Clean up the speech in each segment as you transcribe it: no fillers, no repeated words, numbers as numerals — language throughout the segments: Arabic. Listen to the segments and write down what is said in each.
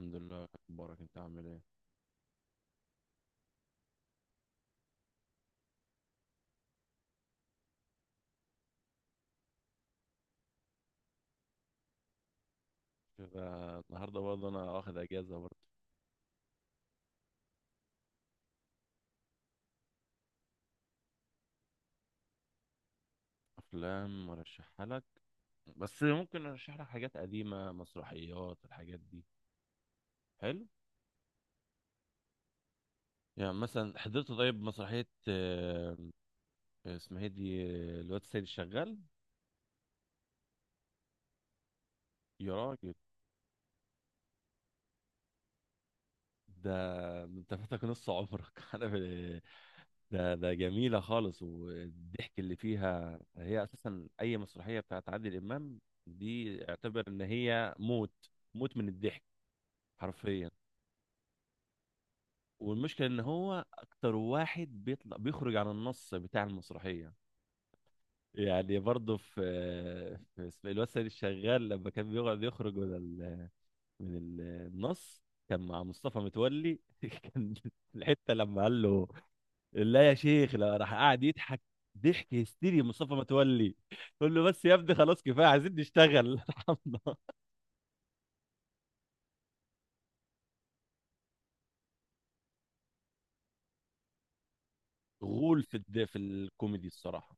الحمد لله مبارك، انت عامل ايه؟ كده. النهارده برضه انا واخد اجازه برضه. افلام ارشحها لك، بس ممكن ارشح لك حاجات قديمه، مسرحيات الحاجات دي. حلو. يعني مثلا حضرت طيب مسرحيه، اسمها ايه دي؟ الواد السيد الشغال. يا راجل، ده انت فاتك نص عمرك. ده جميله خالص، والضحك اللي فيها هي اساسا. اي مسرحيه بتاعت عادل امام دي اعتبر ان هي موت موت من الضحك، حرفيا. والمشكله ان هو اكتر واحد بيطلع بيخرج عن النص بتاع المسرحيه. يعني برضه في اسم الواد سيد الشغال لما كان بيقعد يخرج من من ال- النص. كان مع مصطفى متولي، كان الحته لما قال له لا يا شيخ لا، راح قاعد يضحك ضحك هستيري مصطفى متولي. قول له بس يا ابني، خلاص كفايه، عايزين نشتغل. ارحمنا. غول في الكوميدي الصراحه.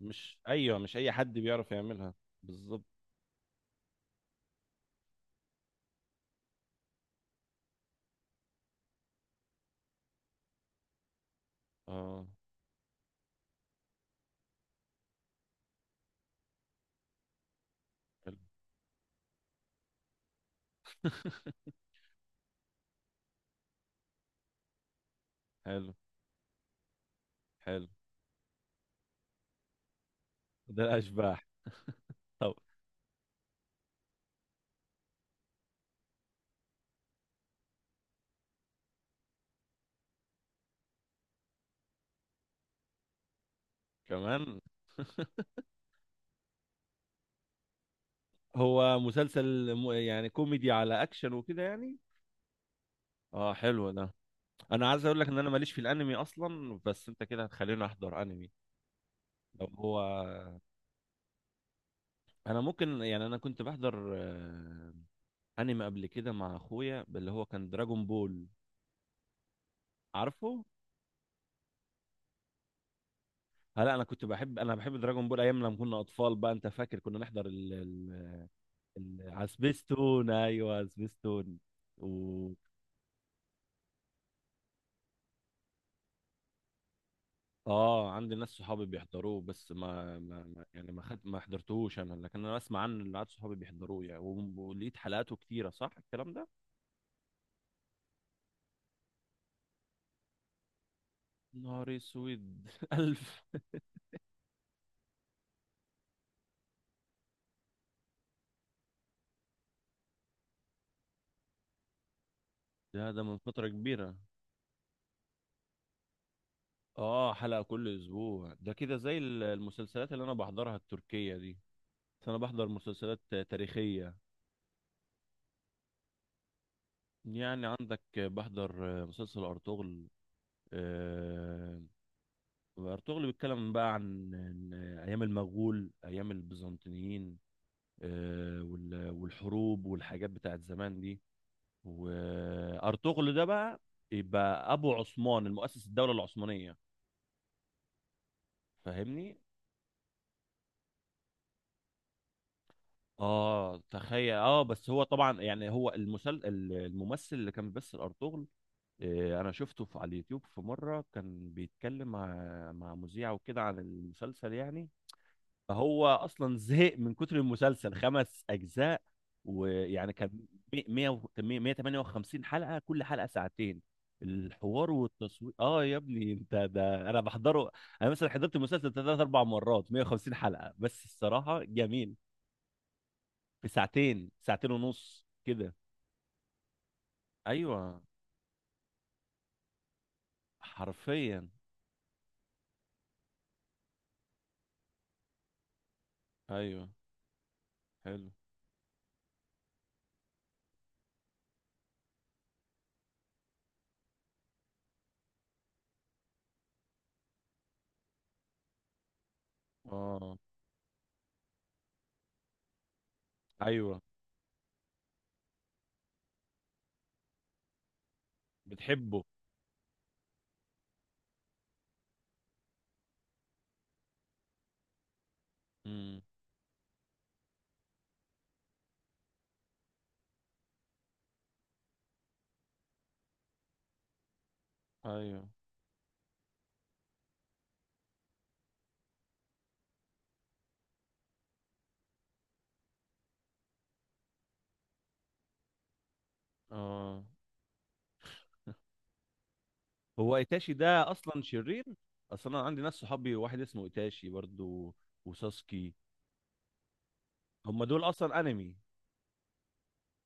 مش ايوه، مش اي حد بيعرف يعملها. بالظبط. اه حلو. حلو. حلو ده الاشباح. طب كمان هو مسلسل يعني كوميدي على اكشن وكده يعني. اه حلو ده. انا عايز اقول لك ان انا ماليش في الانمي اصلا، بس انت كده هتخليني احضر انمي. لو هو انا ممكن، يعني انا كنت بحضر انمي قبل كده مع اخويا، اللي هو كان دراجون بول. عارفه. لا انا كنت بحب، انا بحب دراجون بول ايام لما كنا اطفال. بقى انت فاكر كنا نحضر عسبستون؟ ايوه عسبستون. و اه عندي ناس صحابي بيحضروه، بس ما حضرتهوش انا، لكن انا اسمع عنه، اللي عاد صحابي بيحضروه يعني، ولقيت حلقاته كتيره، صح الكلام ده؟ نهاري اسود. الف. ده من فتره كبيره. اه حلقه كل اسبوع، ده كده زي المسلسلات اللي انا بحضرها التركيه دي، بس انا بحضر مسلسلات تاريخيه. يعني عندك بحضر مسلسل ارطغرل. آه، وارطغرل بيتكلم بقى عن ايام المغول، ايام البيزنطيين. والحروب والحاجات بتاعت زمان دي. وارطغرل ده بقى يبقى ابو عثمان، المؤسس الدوله العثمانيه. فاهمني. اه تخيل، اه. بس هو طبعا يعني هو الممثل اللي كان بيمثل ارطغرل، انا شفته في على اليوتيوب في مره كان بيتكلم مع مذيع وكده عن المسلسل يعني. فهو اصلا زهق من كتر المسلسل، خمس اجزاء. ويعني كان 100 و- كان مية- 158 حلقه، كل حلقه ساعتين. الحوار والتصوير، اه يا ابني، انت ده انا بحضره. انا مثلا حضرت المسلسل ثلاث اربع مرات، 150 حلقه، بس الصراحه جميل. في ساعتين، ساعتين ونص كده. ايوه، حرفيا. ايوه حلو. اه ايوه. بتحبه. امم ايوه. اه هو ايتاشي ده اصلا شرير؟ اصلا انا عندي ناس صحابي، واحد اسمه ايتاشي برضو، وساسكي. هم دول اصلا انمي.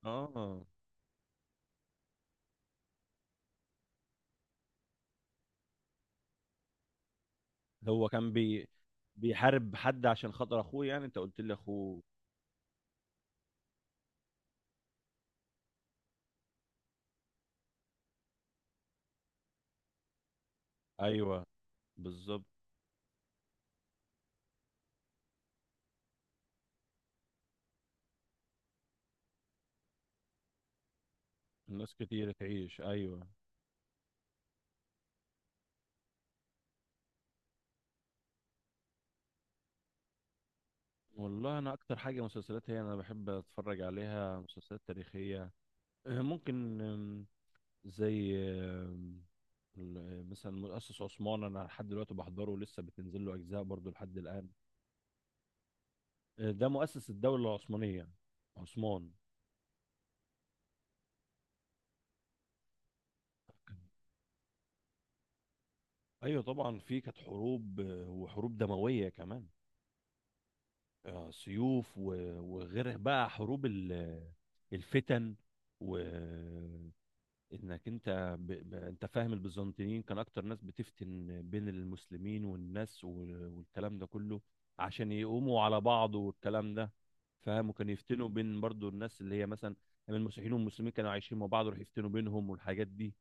اه هو كان بيحارب حد عشان خاطر اخوه؟ يعني انت قلت لي اخوه. ايوه بالظبط. الناس كتير تعيش، ايوه. والله انا اكتر حاجه مسلسلات هي انا بحب اتفرج عليها مسلسلات تاريخيه. ممكن، زي مثلا مؤسس عثمان، انا لحد دلوقتي بحضره لسه، بتنزل له اجزاء برضو لحد الان. ده مؤسس الدولة العثمانية، عثمان. ايوه طبعا في كانت حروب، وحروب دمويه كمان. سيوف، وغير بقى حروب الفتن. وانك انت انت فاهم البيزنطيين كان اكتر ناس بتفتن بين المسلمين والناس والكلام ده كله عشان يقوموا على بعض، والكلام ده فاهم. وكان يفتنوا بين برضو الناس اللي هي مثلا من المسيحيين والمسلمين كانوا عايشين مع بعض، يروحوا يفتنوا بينهم والحاجات دي.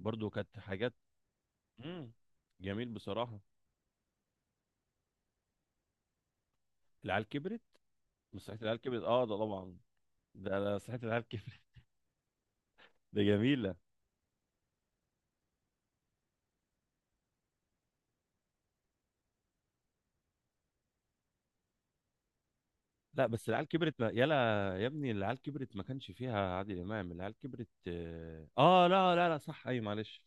برضو كانت حاجات مم. جميل بصراحة. العيال كبرت، مسرحية العيال كبرت، اه ده طبعا. ده مسرحية العيال كبرت. ده جميلة. لا بس العيال كبرت ما... يلا يا ابني، العيال كبرت ما كانش فيها عادل إمام. العيال كبرت، اه لا لا لا، صح، اي، معلش.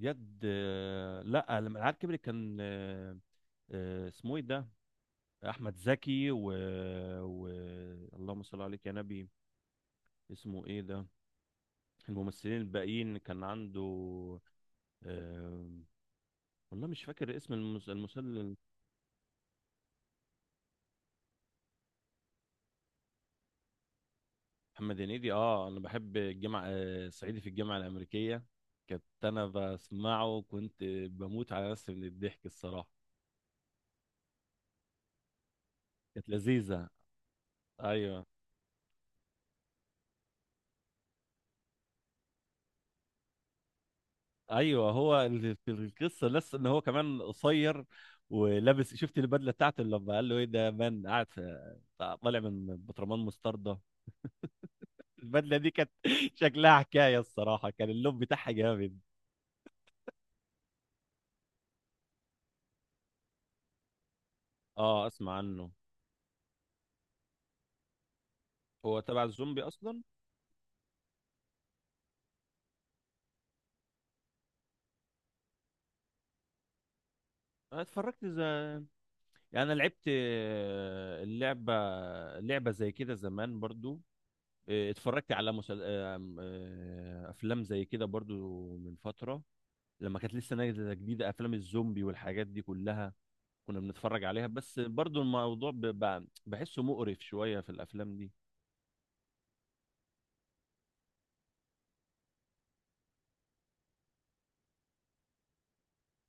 لا لما العيال كبرت كان اسمه ايه ده؟ احمد زكي و اللهم صل عليك يا نبي، اسمه ايه ده؟ الممثلين الباقيين كان عنده، آه، والله مش فاكر اسم المسلسل. محمد هنيدي، اه انا بحب الجامعه، صعيدي في الجامعه الامريكيه. كنت انا بسمعه، وكنت بموت على نفسي من الضحك الصراحه. كانت لذيذه. ايوه. ايوه هو اللي في القصه لسه ان هو كمان قصير، ولابس، شفت البدله بتاعته لما قال له ايه ده مان قاعد طالع من بطرمان مستردة؟ البدله دي كانت شكلها حكايه الصراحه، كان اللون بتاعها جامد. اه اسمع عنه. هو تبع الزومبي اصلا. أنا اتفرجت زي، يعني انا لعبت، اللعبه، لعبه زي كده زمان برضو. اتفرجت على مسل... آه، آم، آه، افلام زي كده برضو من فتره، لما كانت لسه نازله جديده افلام الزومبي والحاجات دي كلها، كنا بنتفرج عليها. بس برضو الموضوع بحسه مقرف شويه في الافلام دي.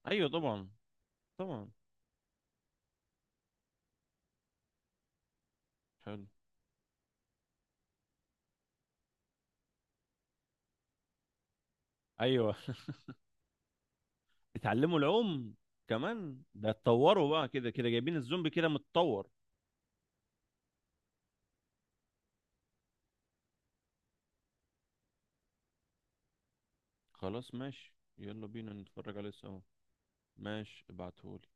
ايوه طبعا. طبعا. حلو. ايوه. اتعلموا العوم كمان ده، اتطوروا بقى كده، كده جايبين الزومبي كده متطور. خلاص ماشي، يلا بينا نتفرج عليه سوا. ماشي ابعتهولي.